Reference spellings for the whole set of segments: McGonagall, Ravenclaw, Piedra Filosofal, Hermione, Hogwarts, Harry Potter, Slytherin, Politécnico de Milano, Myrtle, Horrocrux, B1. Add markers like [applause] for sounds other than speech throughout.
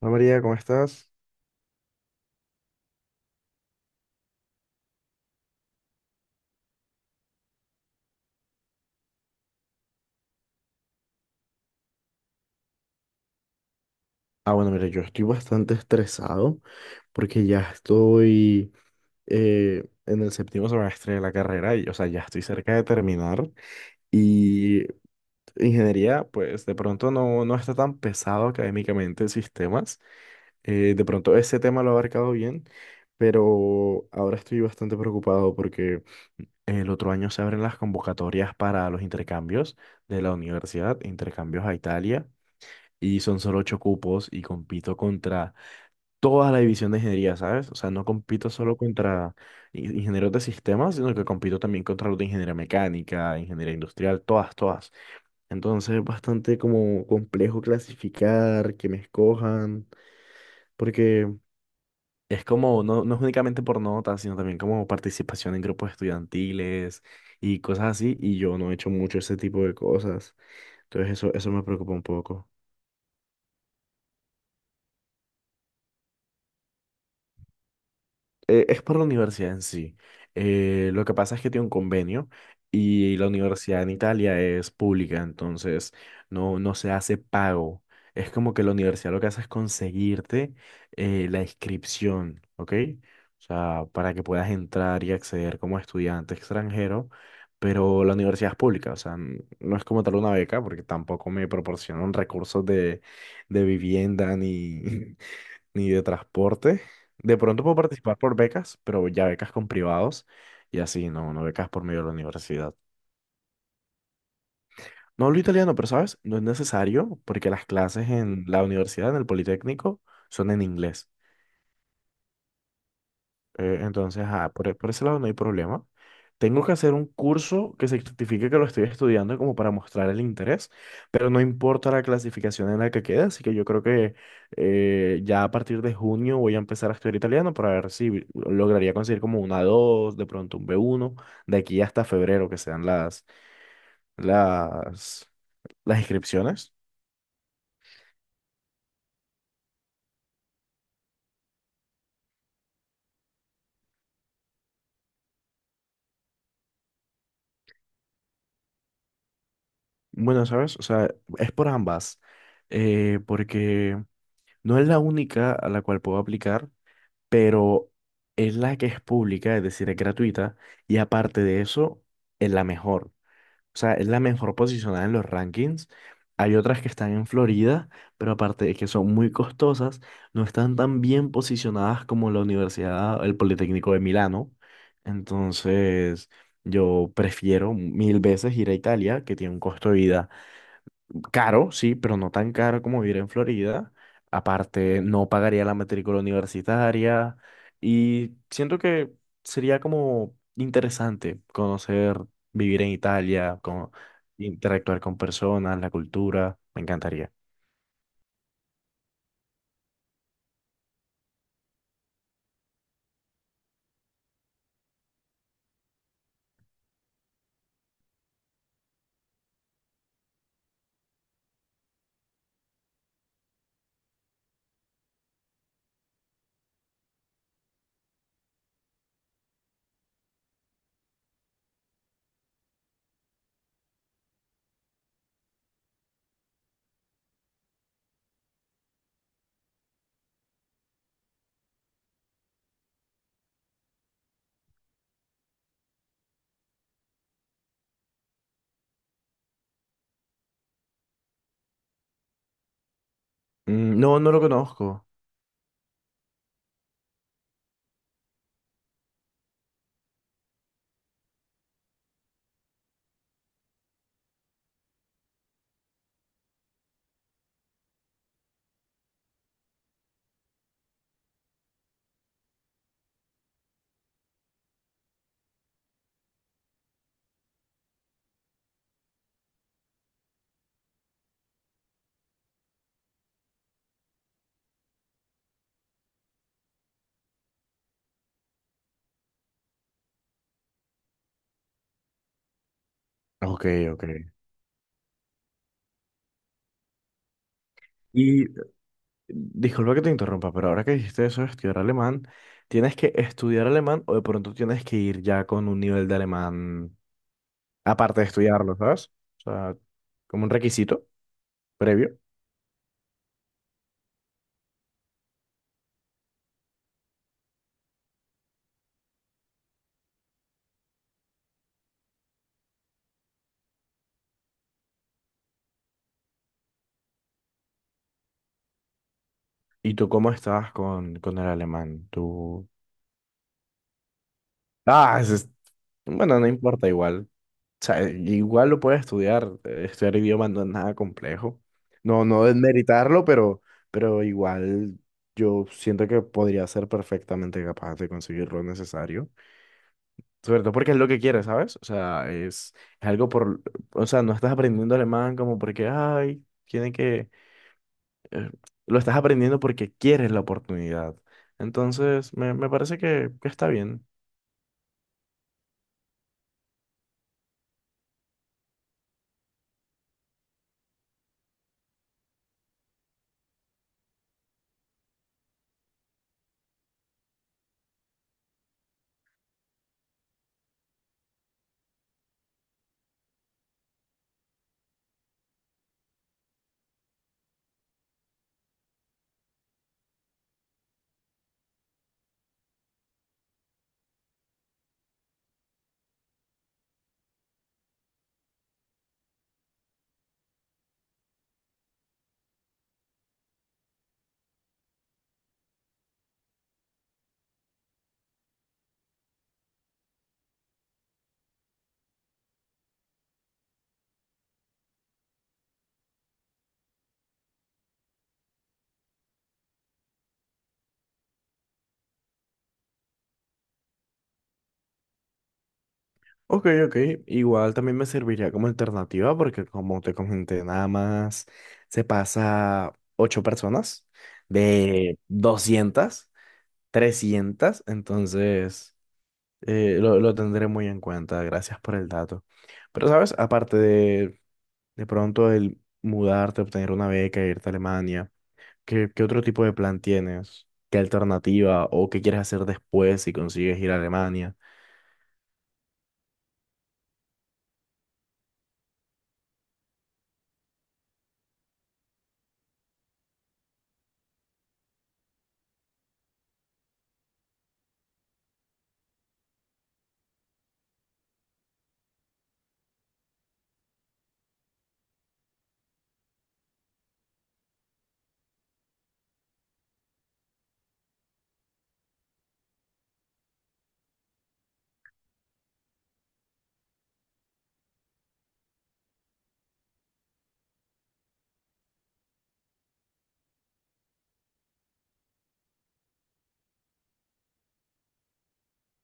Hola María, ¿cómo estás? Ah, bueno, mira, yo estoy bastante estresado porque ya estoy en el séptimo semestre de la carrera y, o sea, ya estoy cerca de terminar. Y ingeniería, pues de pronto no está tan pesado académicamente en sistemas. De pronto ese tema lo he abarcado bien, pero ahora estoy bastante preocupado porque el otro año se abren las convocatorias para los intercambios de la universidad, intercambios a Italia. Y son solo ocho cupos y compito contra toda la división de ingeniería, ¿sabes? O sea, no compito solo contra ingenieros de sistemas, sino que compito también contra los de ingeniería mecánica, ingeniería industrial, todas, todas. Entonces es bastante como complejo clasificar, que me escojan, porque es como, no, no es únicamente por notas, sino también como participación en grupos estudiantiles y cosas así, y yo no he hecho mucho ese tipo de cosas. Entonces eso me preocupa un poco. Es por la universidad en sí. Lo que pasa es que tiene un convenio y la universidad en Italia es pública, entonces no se hace pago. Es como que la universidad lo que hace es conseguirte la inscripción, ¿ok? O sea, para que puedas entrar y acceder como estudiante extranjero, pero la universidad es pública, o sea, no es como tal una beca, porque tampoco me proporcionan recursos de vivienda ni, [laughs] ni de transporte. De pronto puedo participar por becas, pero ya becas con privados y así, no becas por medio de la universidad. No hablo italiano, pero sabes, no es necesario porque las clases en la universidad, en el Politécnico, son en inglés. Entonces, ah, por ese lado no hay problema. Tengo que hacer un curso que se certifique que lo estoy estudiando como para mostrar el interés, pero no importa la clasificación en la que quede, así que yo creo que ya a partir de junio voy a empezar a estudiar italiano para ver si lograría conseguir como una 2 de pronto un B1, de aquí hasta febrero que sean las, las inscripciones. Bueno, ¿sabes? O sea, es por ambas, porque no es la única a la cual puedo aplicar, pero es la que es pública, es decir, es gratuita, y aparte de eso, es la mejor. O sea, es la mejor posicionada en los rankings. Hay otras que están en Florida, pero aparte de que son muy costosas, no están tan bien posicionadas como la Universidad, el Politécnico de Milano. Entonces, yo prefiero mil veces ir a Italia, que tiene un costo de vida caro, sí, pero no tan caro como vivir en Florida. Aparte, no pagaría la matrícula universitaria y siento que sería como interesante conocer, vivir en Italia, como interactuar con personas, la cultura, me encantaría. Mm. No, no lo conozco. Ok, ok. Y disculpa que te interrumpa, pero ahora que dijiste eso de estudiar alemán, ¿tienes que estudiar alemán o de pronto tienes que ir ya con un nivel de alemán aparte de estudiarlo, ¿sabes? O sea, como un requisito previo. ¿Y tú cómo estabas con el alemán? Tú... Ah, ese es- bueno, no importa igual. O sea, igual lo puedes estudiar. Estudiar idioma no es nada complejo. No, no desmeritarlo, pero igual yo siento que podría ser perfectamente capaz de conseguir lo necesario. Sobre todo porque es lo que quieres, ¿sabes? O sea, es algo por... O sea, no estás aprendiendo alemán como porque, ay, tiene que eh, lo estás aprendiendo porque quieres la oportunidad. Entonces, me parece que está bien. Ok, ok. Igual también me serviría como alternativa porque como te comenté, nada más se pasa ocho personas de 200 trescientas. Entonces, lo tendré muy en cuenta. Gracias por el dato. Pero, ¿sabes? Aparte de pronto el mudarte, obtener una beca, irte a Alemania. ¿Qué, qué otro tipo de plan tienes? ¿Qué alternativa o qué quieres hacer después si consigues ir a Alemania?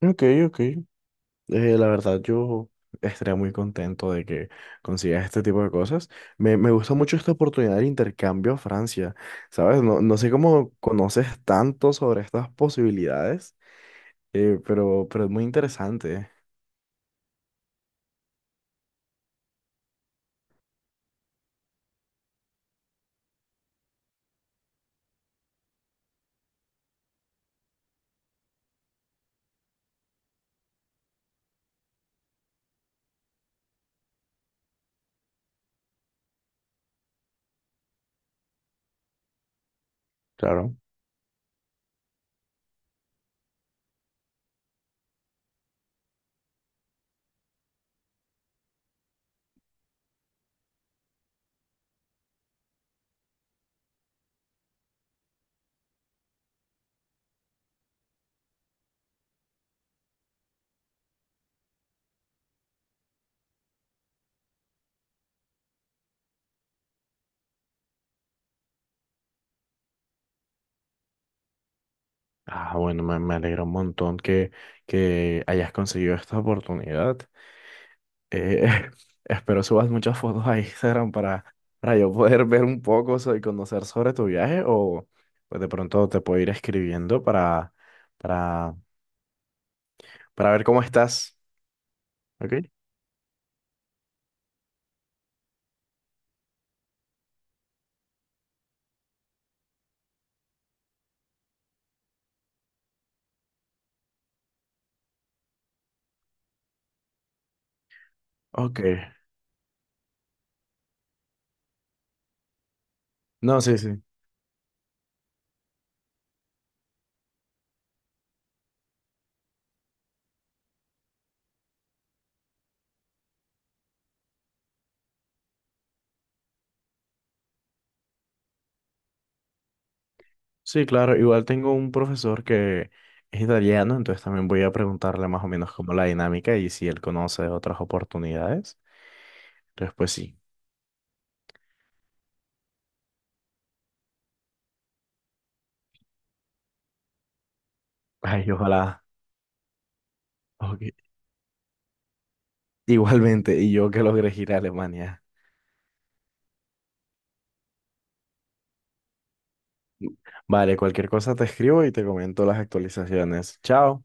Ok, ok. La verdad, yo estaría muy contento de que consigas este tipo de cosas. Me gusta mucho esta oportunidad del intercambio a Francia, ¿sabes? No, no sé cómo conoces tanto sobre estas posibilidades, pero es muy interesante. Claro. Ah, bueno, me alegra un montón que hayas conseguido esta oportunidad. Eh, [laughs] espero subas muchas fotos a Instagram para yo poder ver un poco y conocer sobre tu viaje o pues de pronto te puedo ir escribiendo para, para ver cómo estás. ¿Ok? Ok. No, sí, sí. Sí, claro. Igual tengo un profesor que es italiano, entonces también voy a preguntarle más o menos cómo la dinámica y si él conoce otras oportunidades. Entonces, pues sí. [laughs] Ay, ojalá. Ok. Igualmente, y yo que logré ir a Alemania. Vale, cualquier cosa te escribo y te comento las actualizaciones. Chao.